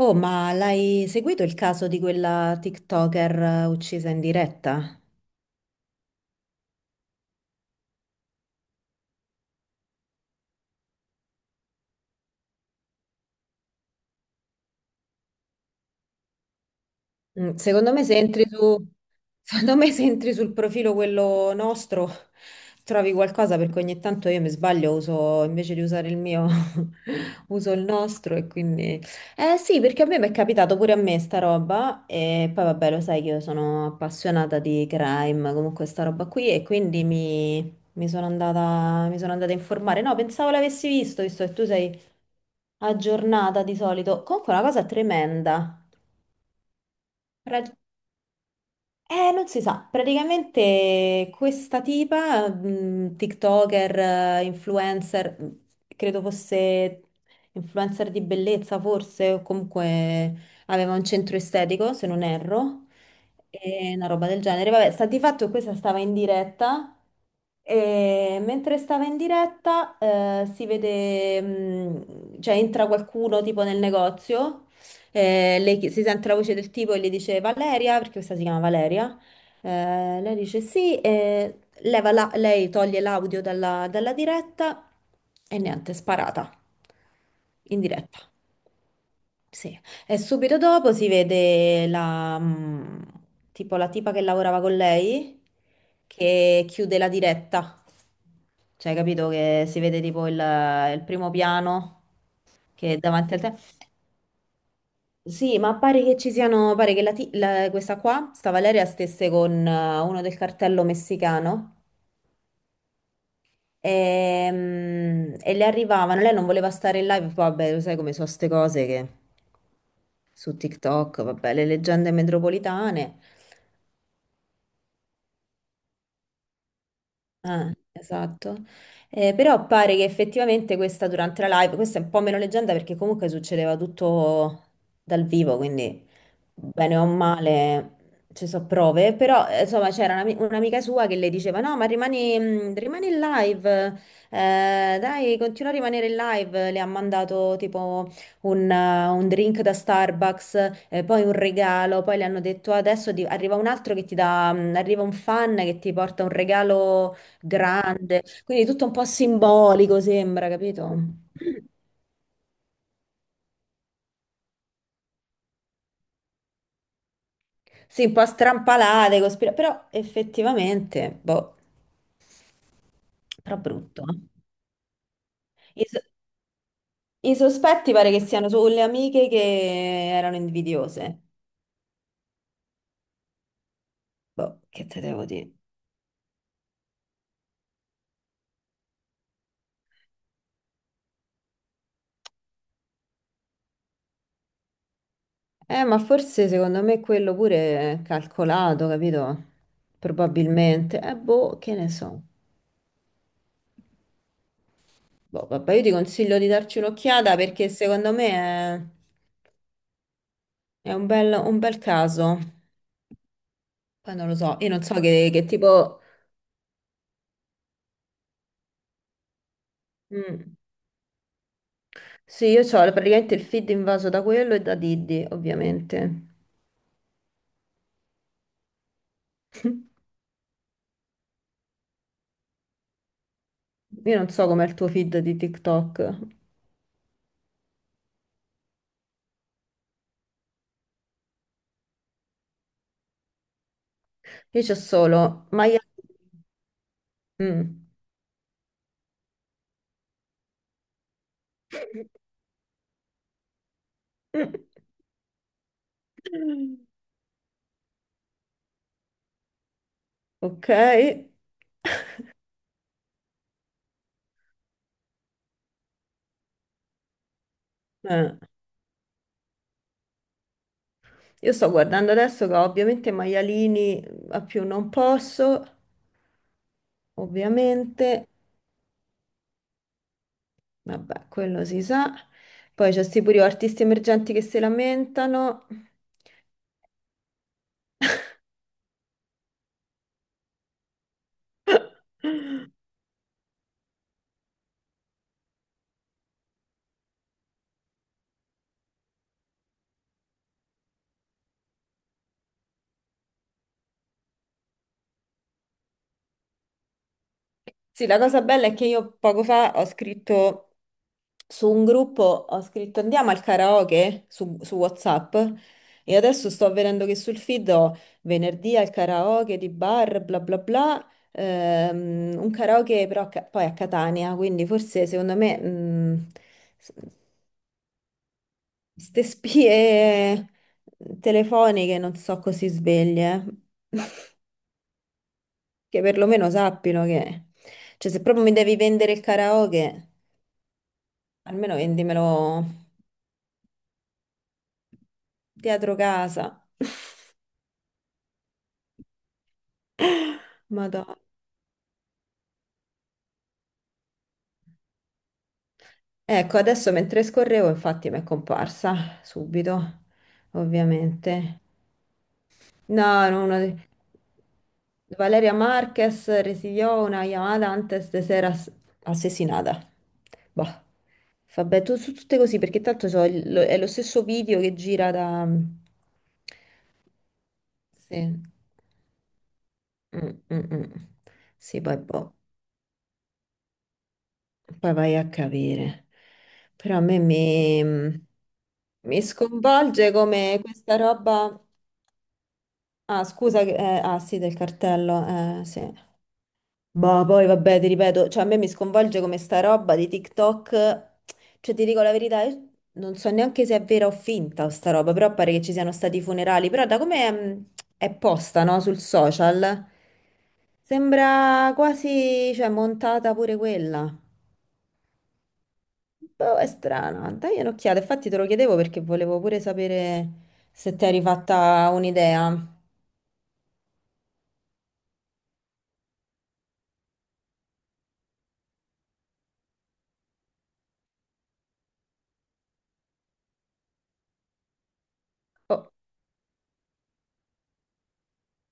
Oh, ma l'hai seguito il caso di quella TikToker uccisa in diretta? Secondo me se entri su, secondo me se entri sul profilo quello nostro trovi qualcosa perché ogni tanto io mi sbaglio, uso invece di usare il mio, uso il nostro e quindi... Eh sì, perché a me mi è capitato pure a me sta roba e poi vabbè lo sai che io sono appassionata di crime, comunque sta roba qui e quindi mi sono andata a informare. No, pensavo l'avessi visto, visto che tu sei aggiornata di solito. Comunque è una cosa tremenda. Non si sa, praticamente questa tipa, TikToker, influencer, credo fosse influencer di bellezza forse, o comunque aveva un centro estetico, se non erro, e una roba del genere. Vabbè, sta di fatto che questa stava in diretta e mentre stava in diretta, si vede, cioè entra qualcuno tipo nel negozio. Lei si sente la voce del tipo e le dice Valeria, perché questa si chiama Valeria. Lei dice sì, e lei toglie l'audio dalla diretta e niente, è sparata in diretta. Sì. E subito dopo si vede la, tipo la tipa che lavorava con lei che chiude la diretta. Cioè, capito che si vede tipo il primo piano che è davanti al telefono sì, ma pare che questa qua, sta Valeria, stesse con uno del cartello messicano e, le arrivavano, lei non voleva stare in live, vabbè, lo sai come sono ste cose che su TikTok, vabbè, le leggende metropolitane. Ah, esatto. Però pare che effettivamente questa durante la live, questa è un po' meno leggenda perché comunque succedeva tutto dal vivo, quindi bene o male ci sono prove, però insomma c'era un'amica sua che le diceva no, ma rimani, rimani in live, dai, continua a rimanere in live, le ha mandato tipo un drink da Starbucks, poi un regalo, poi le hanno detto adesso arriva un altro che ti dà, arriva un fan che ti porta un regalo grande, quindi tutto un po' simbolico sembra, capito? Sì, un po' strampalate, però effettivamente, boh, però brutto. Eh. I, so- i sospetti pare che siano sulle amiche che erano invidiose. Boh, che te devo dire? Ma forse secondo me quello pure è calcolato, capito? Probabilmente. Boh, che ne so. Boh, vabbè, io ti consiglio di darci un'occhiata perché secondo me è... È un bel caso. Poi non lo so, io non so che tipo... Mm. Sì, io ho praticamente il feed invaso da quello e da Diddy, ovviamente. Io non so com'è il tuo feed di TikTok. Io c'ho solo maiali... Mm. Ok. Io sto guardando adesso che ho ovviamente maialini a più non posso, ovviamente. Vabbè, quello si sa. Poi c'è sti pure artisti emergenti che si lamentano. Sì, la cosa bella è che io poco fa ho scritto su un gruppo, ho scritto andiamo al karaoke su WhatsApp e adesso sto vedendo che sul feed ho venerdì al karaoke di bar, bla bla bla, un karaoke però poi a Catania, quindi forse secondo me s- ste spie telefoniche non so così sveglie, che perlomeno sappino che, cioè se proprio mi devi vendere il karaoke... Almeno vendimelo dietro casa. Madonna. Ecco, adesso mentre scorrevo, infatti mi è comparsa subito, ovviamente. No, no, Valeria Marquez residió una llamada antes de ser assassinata. Boh. Vabbè, tu, su tutte così, perché tanto so, è lo stesso video che gira da... Sì. Mm, mm, mm. Sì, poi boh. Poi vai a capire. Però a me mi sconvolge come questa roba. Ah, scusa, ah sì, del cartello, sì. Boh, poi vabbè, ti ripeto, cioè a me mi sconvolge come sta roba di TikTok. Cioè, ti dico la verità, io non so neanche se è vera o finta sta roba, però pare che ci siano stati i funerali. Però da come è posta, no, sul social, sembra quasi, cioè, montata pure quella. Boh, è strana. Dai un'occhiata. Infatti te lo chiedevo perché volevo pure sapere se ti eri fatta un'idea. Oh,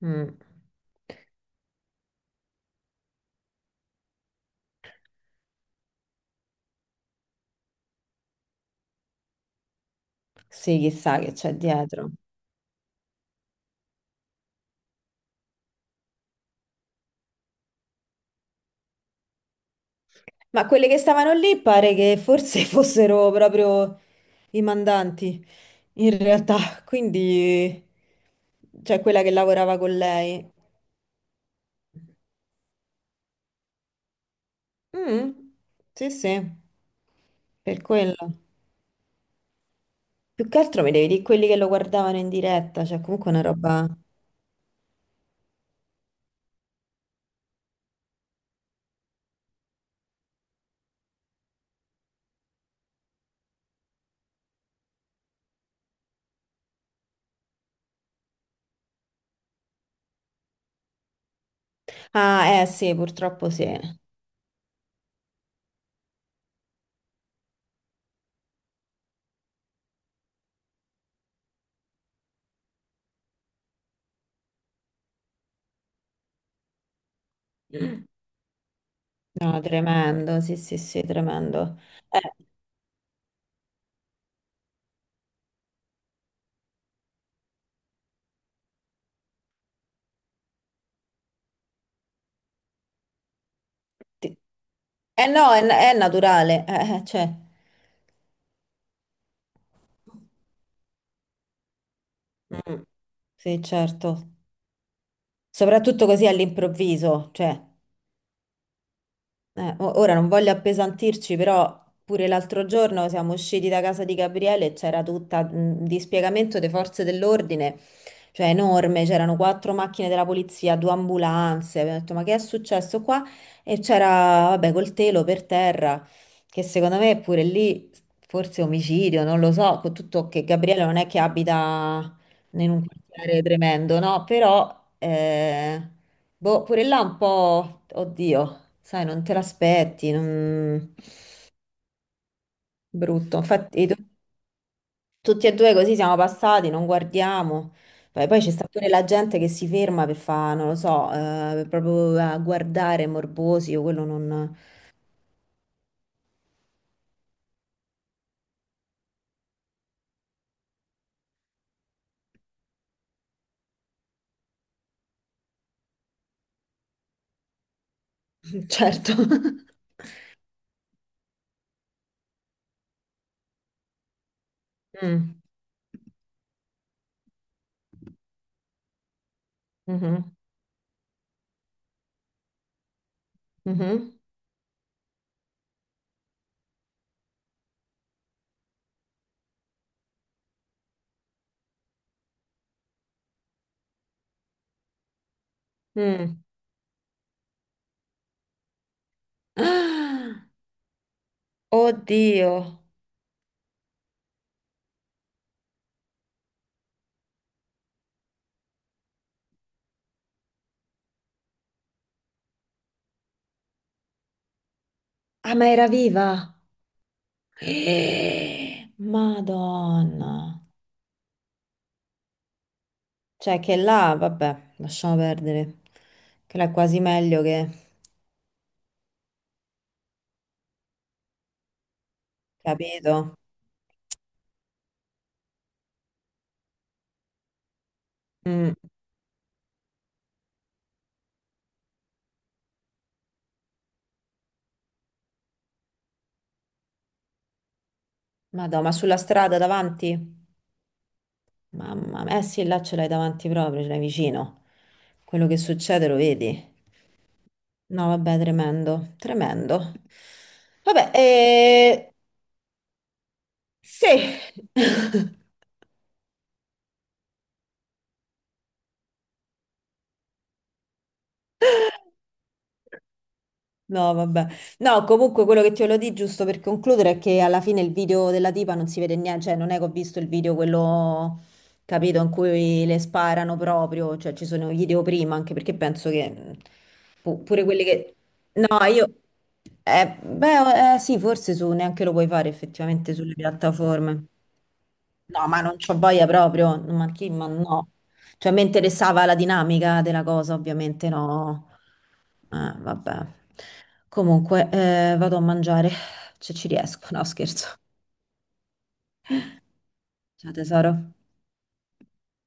mm. Sì, chissà che c'è dietro. Ma quelle che stavano lì pare che forse fossero proprio i mandanti, in realtà. Quindi, cioè quella che lavorava con lei. Mm, sì, sì, per quello. Più che altro mi devi dire quelli che lo guardavano in diretta, cioè comunque una roba... Ah, eh sì, purtroppo sì. No, tremendo, sì, sì, sì, tremendo. Eh, ti- eh no, è naturale, cioè. Mm, sì, certo. Soprattutto così all'improvviso, cioè. Ora non voglio appesantirci, però pure l'altro giorno siamo usciti da casa di Gabriele e c'era tutta un dispiegamento delle forze dell'ordine, cioè enorme, c'erano quattro macchine della polizia, due ambulanze. Abbiamo detto, ma che è successo qua? E c'era, vabbè, col telo per terra, che secondo me pure lì forse omicidio, non lo so, con tutto che Gabriele non è che abita in un quartiere tremendo, no? Però, boh, pure là un po', oddio. Sai, non te l'aspetti, non... brutto. Infatti, tutti e due così siamo passati, non guardiamo. Poi c'è sta pure la gente che si ferma per fare, non lo so, proprio a guardare morbosi, io quello non... Certo. Mm, mhm, mhm, mm. Ah, oddio. Ah, ma era viva? Madonna. Cioè che là, vabbè, lasciamo perdere. Che là è quasi meglio che... Capito? Madò, ma sulla strada davanti? Mamma mia, eh sì, là ce l'hai davanti proprio, ce l'hai vicino. Quello che succede lo vedi? No, vabbè, tremendo, tremendo. Vabbè, sì. No, vabbè. No, comunque quello che ti volevo dire, giusto per concludere, è che alla fine il video della tipa non si vede niente, cioè non è che ho visto il video quello, capito, in cui le sparano proprio, cioè ci sono i video prima, anche perché penso che pure quelli che... No, io... beh, sì, forse su, neanche lo puoi fare effettivamente sulle piattaforme. No, ma non c'ho voglia proprio, ma chi, ma no. Cioè, mi interessava la dinamica della cosa, ovviamente no. Vabbè. Comunque, vado a mangiare, se ci riesco. No, scherzo. Ciao tesoro.